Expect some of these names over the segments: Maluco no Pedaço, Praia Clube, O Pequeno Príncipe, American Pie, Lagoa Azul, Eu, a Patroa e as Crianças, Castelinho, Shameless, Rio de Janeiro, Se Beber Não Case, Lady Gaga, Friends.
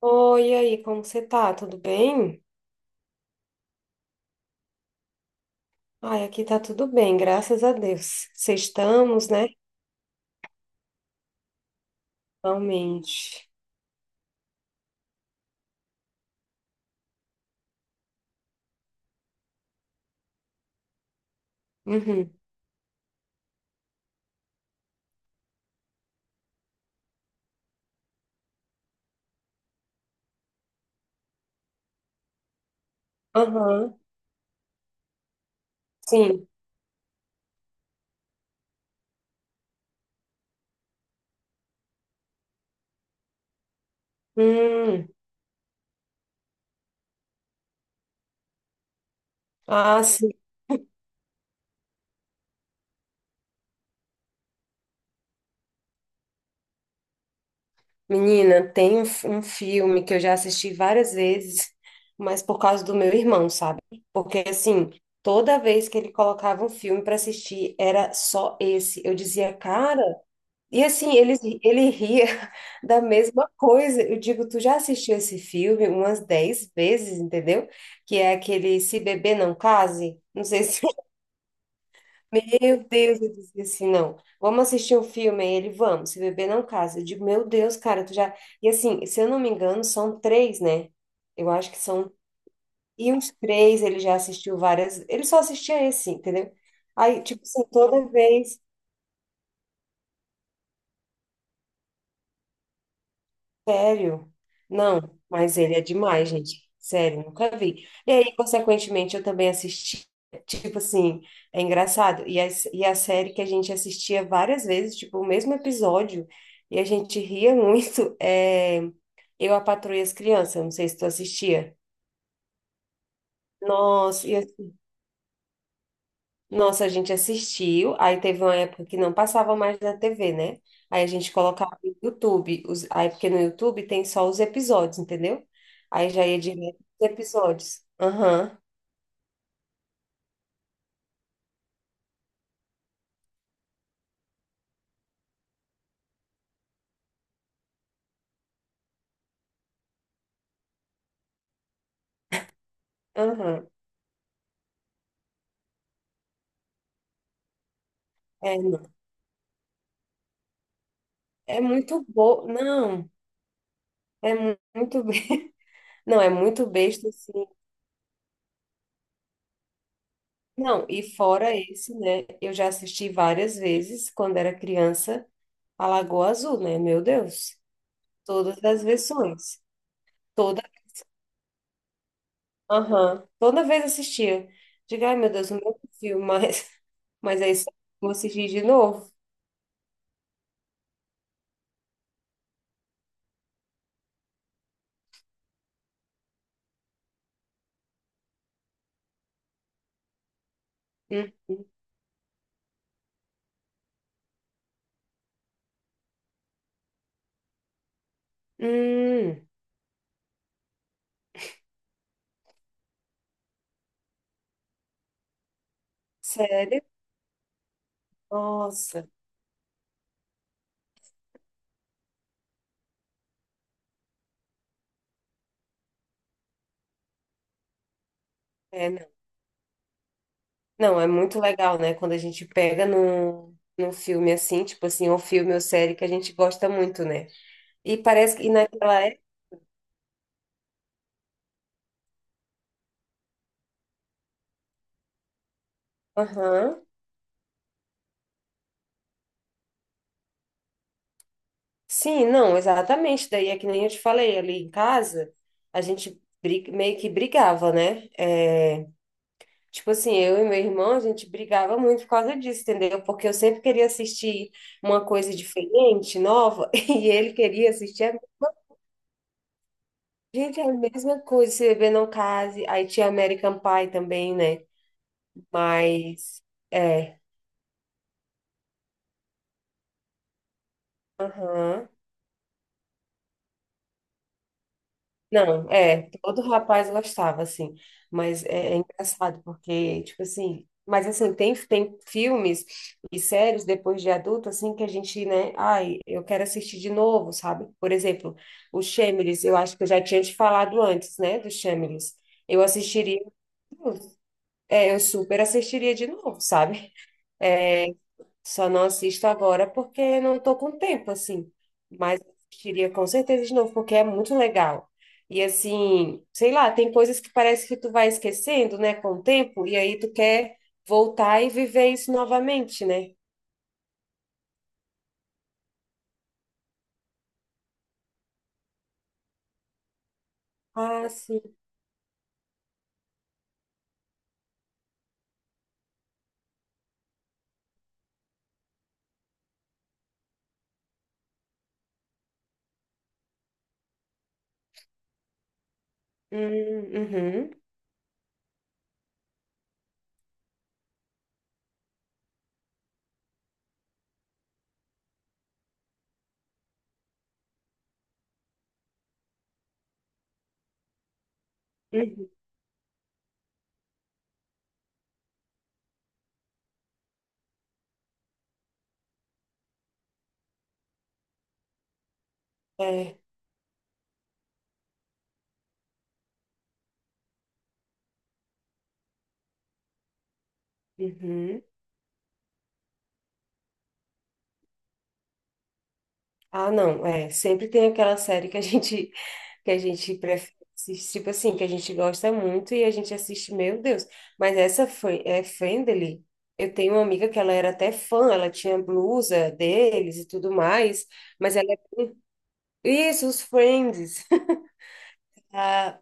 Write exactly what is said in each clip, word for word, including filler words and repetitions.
Oi, e aí, como você tá? Tudo bem? Ai, aqui tá tudo bem, graças a Deus. Vocês estamos né? Realmente. Uhum. Aham, sim. Hum. Ah, sim. Menina, tem um, f- um filme que eu já assisti várias vezes, mas por causa do meu irmão, sabe? Porque, assim, toda vez que ele colocava um filme para assistir, era só esse. Eu dizia, cara. E assim, ele, ele ria da mesma coisa. Eu digo, tu já assistiu esse filme umas dez vezes, entendeu? Que é aquele Se Beber Não Case. Não sei se, meu Deus, eu disse assim, não. Vamos assistir um filme. Aí ele, vamos, Se Beber Não Case. Eu digo, meu Deus, cara, tu já. E assim, se eu não me engano, são três, né? Eu acho que são. E os três ele já assistiu várias. Ele só assistia esse, entendeu? Aí, tipo assim, toda vez. Sério? Não, mas ele é demais, gente. Sério, nunca vi. E aí, consequentemente, eu também assisti. Tipo assim, é engraçado. E a, e a série que a gente assistia várias vezes, tipo, o mesmo episódio, e a gente ria muito, é Eu, a Patroa e as Crianças. Não sei se tu assistia. Nossa, e Nossa, a gente assistiu, aí teve uma época que não passava mais na T V, né? Aí a gente colocava no YouTube, os- aí porque no YouTube tem só os episódios, entendeu? Aí já ia direto os episódios. Aham, aham. É, não. É muito bom, não, é mu- muito, be- não, é muito besta, assim. Não, e fora esse, né? Eu já assisti várias vezes, quando era criança, a Lagoa Azul, né? Meu Deus, todas as versões. Aham. Toda vez assistia. Digo, ai meu Deus, não filme, mas, mas é isso. Vou assistir de novo. Hum, Hum. Sério? Nossa, é, não. Não, é muito legal, né? Quando a gente pega num, num filme assim, tipo assim, um filme ou série que a gente gosta muito, né? E parece que e naquela época. Aham. Sim, não, exatamente. Daí é que nem eu te falei, ali em casa, a gente bri- meio que brigava, né? É, tipo assim, eu e meu irmão, a gente brigava muito por causa disso, entendeu? Porque eu sempre queria assistir uma coisa diferente, nova, e ele queria assistir. a- Gente, é a mesma coisa, Se Beber Não Case. Aí tinha American Pie também, né? Mas, é. Aham. Não, é, todo rapaz gostava, assim, mas é, é engraçado porque, tipo assim, mas assim, tem, tem filmes e séries depois de adulto, assim, que a gente, né, ai, eu quero assistir de novo, sabe? Por exemplo, o Shameless, eu acho que eu já tinha te falado antes, né, do Shameless. Eu assistiria, é, eu super assistiria de novo, sabe? É, só não assisto agora porque não estou com tempo, assim. Mas assistiria com certeza de novo, porque é muito legal. E assim, sei lá, tem coisas que parece que tu vai esquecendo, né, com o tempo, e aí tu quer voltar e viver isso novamente, né? Ah, sim. Hum, uhum, uhum, é, uhum. Ah, não, é, sempre tem aquela série que a gente que a gente prefere, assistir, tipo assim, que a gente gosta muito e a gente assiste, meu Deus. Mas essa foi é Friendly. Eu tenho uma amiga que ela era até fã, ela tinha blusa deles e tudo mais, mas ela isso, os Friends. Ah,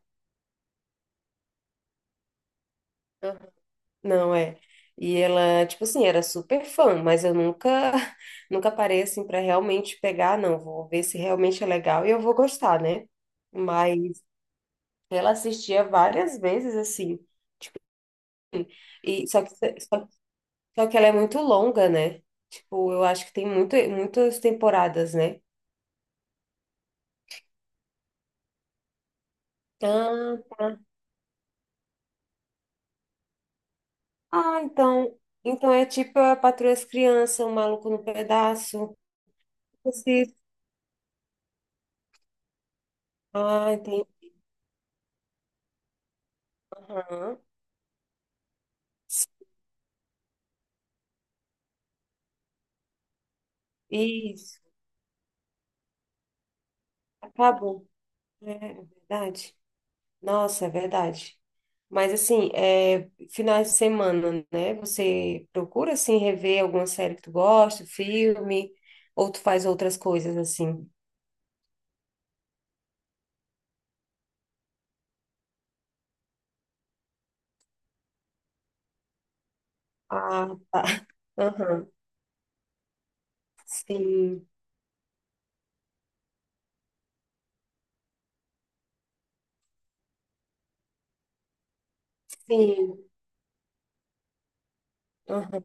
não é. E ela, tipo assim, era super fã, mas eu nunca nunca parei assim para realmente pegar, não, vou ver se realmente é legal e eu vou gostar, né? Ela assistia várias vezes, assim. E, só que, só, só que ela é muito longa, né? Tipo, eu acho que tem muito, muitas temporadas, né? Ah, ah, então. Então é tipo a Patroa e as Crianças, o Maluco no Pedaço. Esse- Ah, tem. Aham. Isso. Acabou. É é verdade. Nossa, é verdade. Mas assim, é, finais de semana, né? Você procura assim rever alguma série que tu gosta, filme, ou tu faz outras coisas assim? Ah, tá. Aham. Sim, sim. Aham.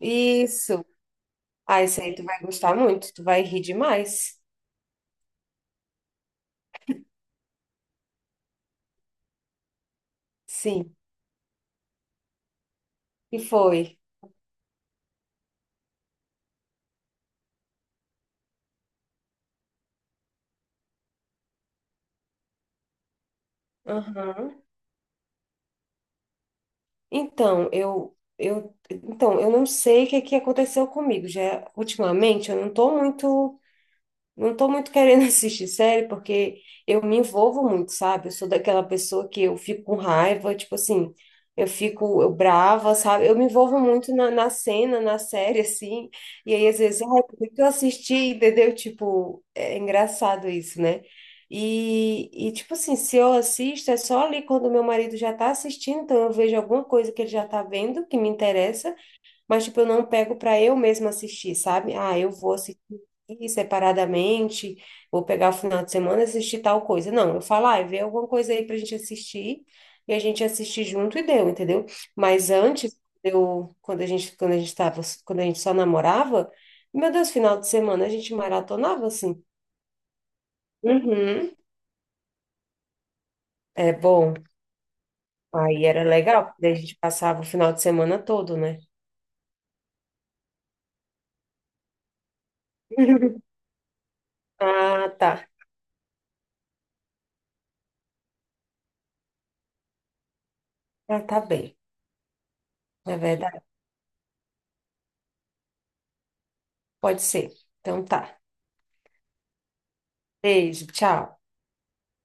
Isso. Ah, esse aí tu vai gostar muito, tu vai rir demais. Sim. E foi. Aham. Então, eu eu então, eu não sei o que que aconteceu comigo. Já ultimamente eu não tô muito. Não tô muito querendo assistir série porque eu me envolvo muito, sabe? Eu sou daquela pessoa que eu fico com raiva, tipo assim, eu fico eu brava, sabe? Eu me envolvo muito na, na cena, na série, assim. E aí, às vezes, ai, por que que eu assisti, entendeu? Tipo, é engraçado isso, né? E, e, tipo assim, se eu assisto, é só ali quando meu marido já tá assistindo, então eu vejo alguma coisa que ele já tá vendo que me interessa. Mas, tipo, eu não pego para eu mesma assistir, sabe? Ah, eu vou assistir separadamente, vou pegar o final de semana e assistir tal coisa. Não, eu falo, ah, vê alguma coisa aí pra gente assistir, e a gente assiste junto e deu, entendeu? Mas antes, eu, quando a gente, quando a gente tava, quando a gente só namorava, meu Deus, final de semana a gente maratonava assim. Uhum. É bom. Aí era legal, porque daí a gente passava o final de semana todo, né? Ah, tá. Ah, tá bem. É verdade. Pode ser. Então tá. Beijo, tchau.